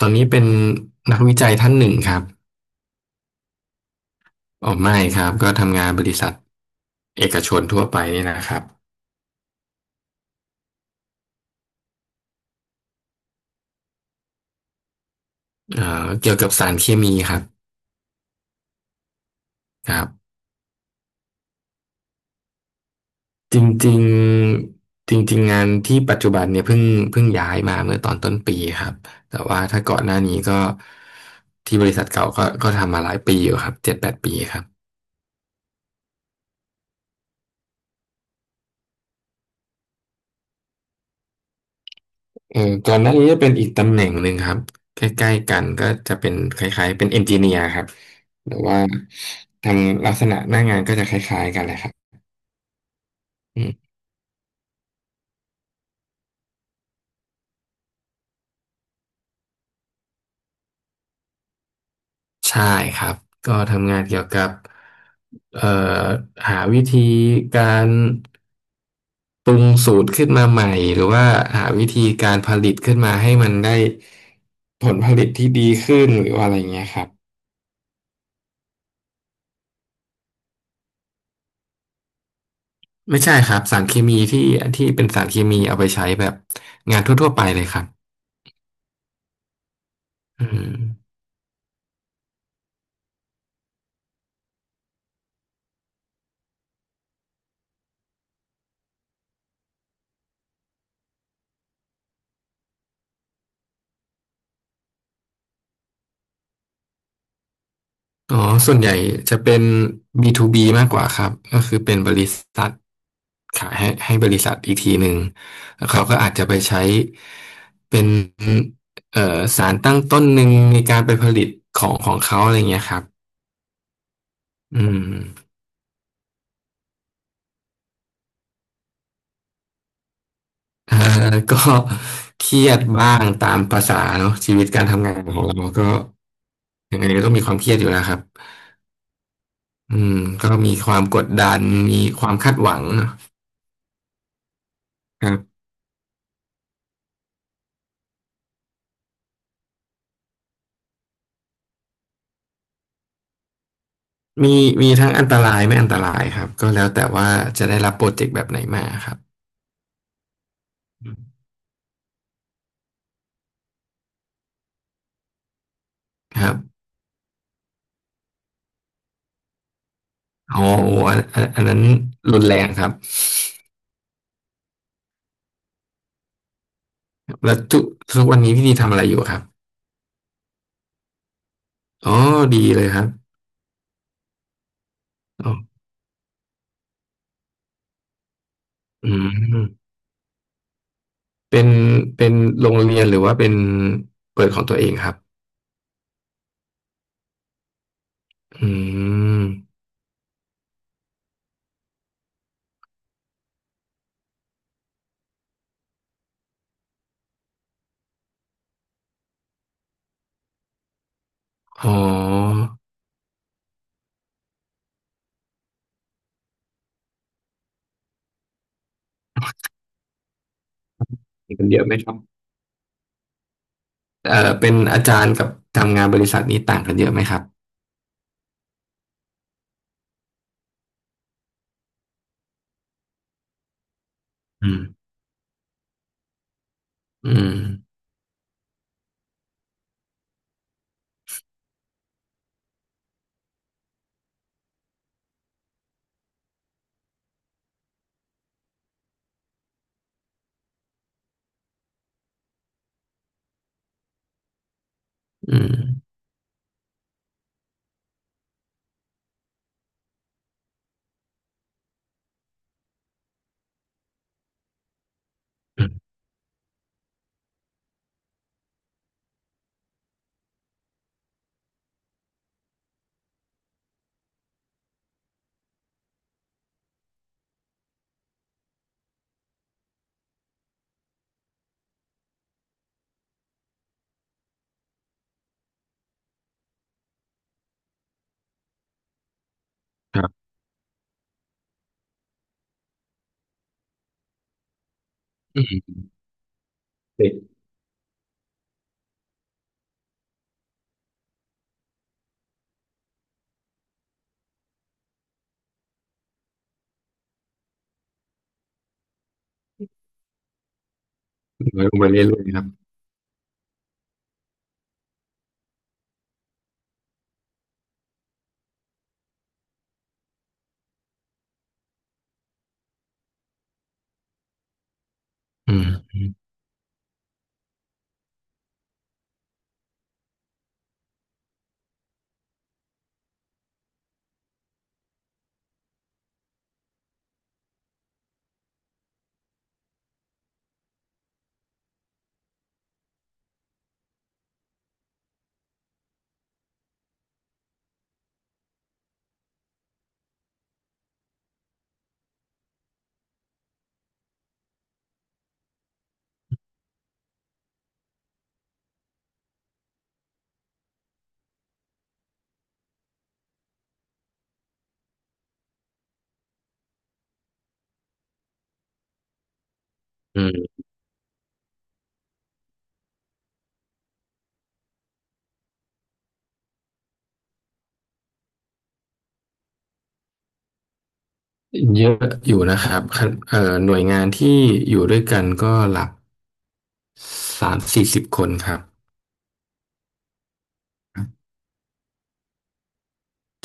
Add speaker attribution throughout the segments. Speaker 1: ตอนนี้เป็นนักวิจัยท่านหนึ่งครับอ๋อไม่ครับก็ทำงานบริษัทเอกชนทั่วไปนี่นะครับเกี่ยวกับสารเคมีครับครับจริงๆจริงๆงานที่ปัจจุบันเนี่ยเพิ่งย้ายมาเมื่อตอนต้นปีครับแต่ว่าถ้าก่อนหน้านี้ก็ที่บริษัทเก่าก็ทำมาหลายปีอยู่ครับ7-8 ปีครับ เออก่อนหน้านี้จะเป็นอีกตำแหน่งหนึ่งครับใกล้ๆกันก็จะเป็นคล้ายๆเป็นเอนจิเนียร์ครับ หรือว่าทำลักษณะหน้างานก็จะคล้ายๆกันเลยครับอืมใช่ครับ ก็ทำงานเกี่ยวกับเอ่อหาวิธีการปรุงสูตรขึ้นมาใหม่ หรือว่าหาวิธีการผลิตขึ้นมาให้มันได้ผลผลิตที่ดีขึ้นหรือว่าอะไรเงี้ยครับ ไม่ใช่ครับสารเคมีที่ที่เป็นสารเคมีเอาไปใช้แบบงานทั่วๆไปเลยครับอืมอ๋อส่วนใหญ่จะเป็น B2B มากกว่าครับก็คือเป็นบริษัทขายให้บริษัทอีกทีหนึ่งแล้วเขาก็อาจจะไปใช้เป็นสารตั้งต้นหนึ่งในการไปผลิตของของเขาอะไรเงี้ยครับอืมอ่าก็ เครียดบ้างตามภาษาเนาะชีวิตการทำงานของเราก็ยังไงก็ต้องมีความเครียดอยู่แล้วครับ อืมก็มีความกดดันมีความคาดหวังเนอะครับมีมีทั้งอันตรายไม่อันตรายครับก็แล้วแต่ว่าจะได้รับโปรเจกต์แบบไหนมาครับครับอ๋อโอ้อันนั้นรุนแรงครับแล้วทุกวันนี้พี่ดีทำอะไรอยู่ครับอ๋อดีเลยครับอ๋ออืมเป็นเป็นโรงเรียนหรือว่าเป็นเปิดของตัวเองครับอืมอ๋อมีกันเยอะไหมครับเอ่อเป็นอาจารย์กับทำงานบริษัทนี้ต่างกันเยอะไหมครับอืม อืมอืมอืมครับอืมเด็กน้อยลงไปเรื่อยๆครับอืมอืมอืมเยอะอยู่นะครับขั้นหน่วยงานที่อยู่ด้วยกันก็หลัก30-40 คนครับ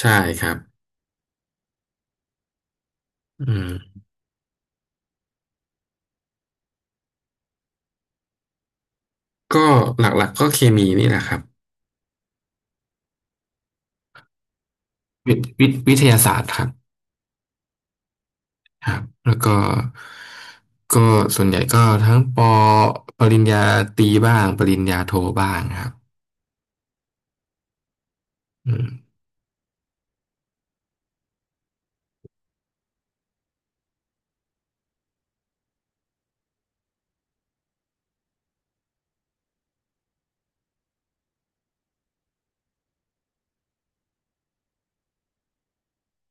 Speaker 1: ใช่ครับอืมก็หลักๆก็เคมีนี่แหละครับวิวิทยาศาสตร์ครับครับแล้วก็ก็ส่วนใหญ่ก็ทั้งปริญญาตรีบ้างปริญญาโทบ้างครับอืม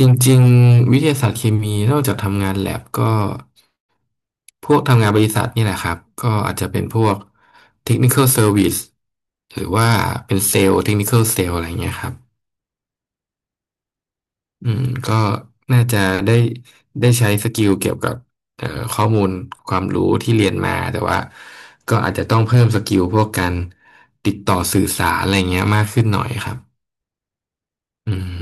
Speaker 1: จริงๆวิทยาศาสตร์เคมีนอกจากทำงานแลบก็พวกทำงานบริษัทนี่แหละครับก็อาจจะเป็นพวก technical service หรือว่าเป็นเซลล์ technical sale อะไรเงี้ยครับอืมก็น่าจะได้ได้ใช้สกิลเกี่ยวกับเอ่อข้อมูลความรู้ที่เรียนมาแต่ว่าก็อาจจะต้องเพิ่มสกิลพวกการติดต่อสื่อสารอะไรเงี้ยมากขึ้นหน่อยครับอืม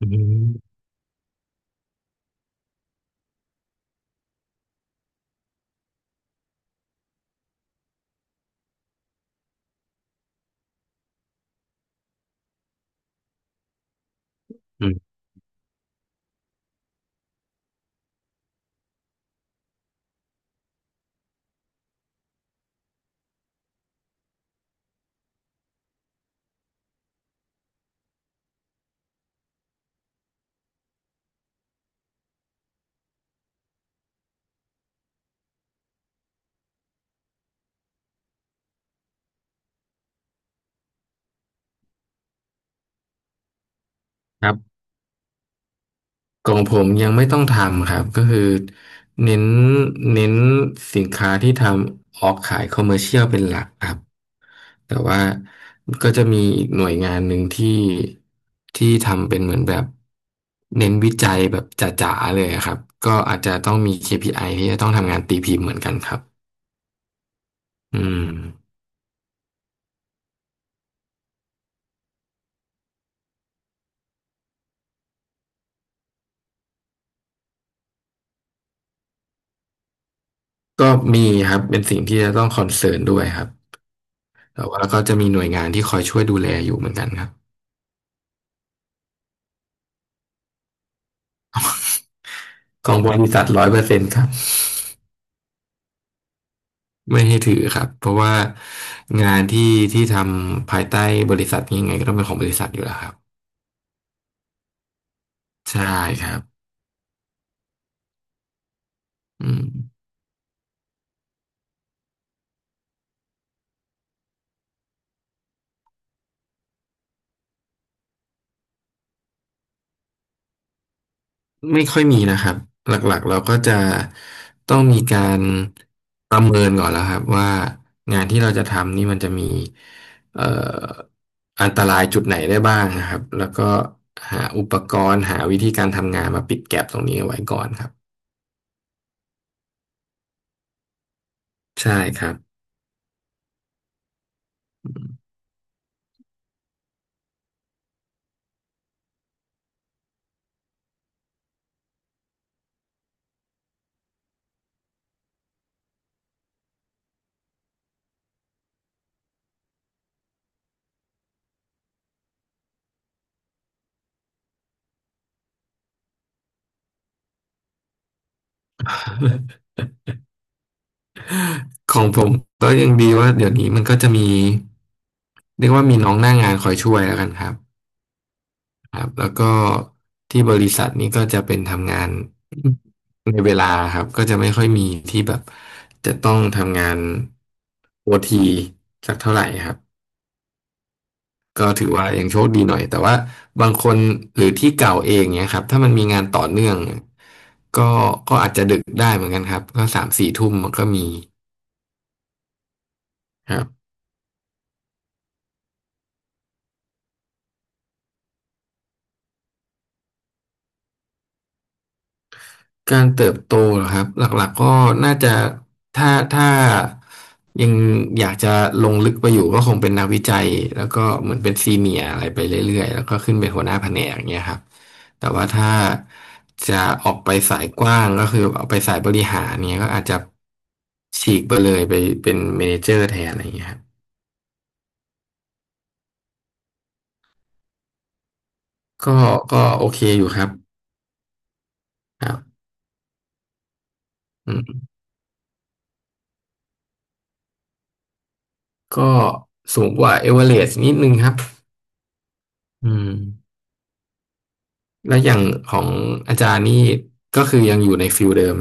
Speaker 1: อืมอืมครับ ของผมยังไม่ต้องทำครับก็คือเน้นเน้นสินค้าที่ทำออกขายคอมเมอร์เชียลเป็นหลักครับแต่ว่าก็จะมีอีกหน่วยงานหนึ่งที่ที่ทำเป็นเหมือนแบบเน้นวิจัยแบบจ๋าๆเลยครับก็อาจจะต้องมี KPI ที่จะต้องทำงานตีพิมพ์เหมือนกันครับอืมก็มีครับเป็นสิ่งที่จะต้องคอนเซิร์นด้วยครับแต่ว่าก็จะมีหน่วยงานที่คอยช่วยดูแลอยู่เหมือนกันครับของบริษัท100%ครับ ไม่ให้ถือครับเพราะว่างานที่ทำภายใต้บริษัทนี้ยังไงก็ต้องเป็นของบริษัทอยู่แล้วครับใช่ครับอืมไม่ค่อยมีนะครับหลักๆเราก็จะต้องมีการประเมินก่อนแล้วครับว่างานที่เราจะทำนี่มันจะมีเอ่ออันตรายจุดไหนได้บ้างนะครับแล้วก็หาอุปกรณ์หาวิธีการทำงานมาปิดแก็ปตรงนี้เอาไว้ก่อนครับใช่ครับ ของผมก็ยังดีว่าเดี๋ยวนี้มันก็จะมีเรียกว่ามีน้องหน้างานคอยช่วยแล้วกันครับครับแล้วก็ที่บริษัทนี้ก็จะเป็นทำงานในเวลาครับก็จะไม่ค่อยมีที่แบบจะต้องทำงานโอทีสักเท่าไหร่ครับก็ถือว่ายังโชคดีหน่อยแต่ว่าบางคนหรือที่เก่าเองเนี่ยครับถ้ามันมีงานต่อเนื่องก็ก็อาจจะดึกได้เหมือนกันครับก็3-4 ทุ่มมันก็มีครับ การเติบโตเหรอครับหลักๆก็น่าจะถ้าถ้ายังอยากจะลงลึกไปอยู่ก็คงเป็นนักวิจัยแล้วก็เหมือนเป็นซีเมียร์อะไรไปเรื่อยๆแล้วก็ขึ้นเป็นหัวหน้าแผนกอย่างเงี้ยครับแต่ว่าถ้าจะออกไปสายกว้างก็คือเอาไปสายบริหารเนี้ยก็อาจจะฉีกไปเลยไปเป็นเมเนเจอร์แทนอะไรอย่างเงี้ยครับก็ก็โอเคอยู่ครับครับอืมก็สูงกว่าเอเวอเรสต์นิดนึงครับอืม แล้วอย่างของอาจารย์นี่ก็คือยังอยู่ในฟิลเดิมไหม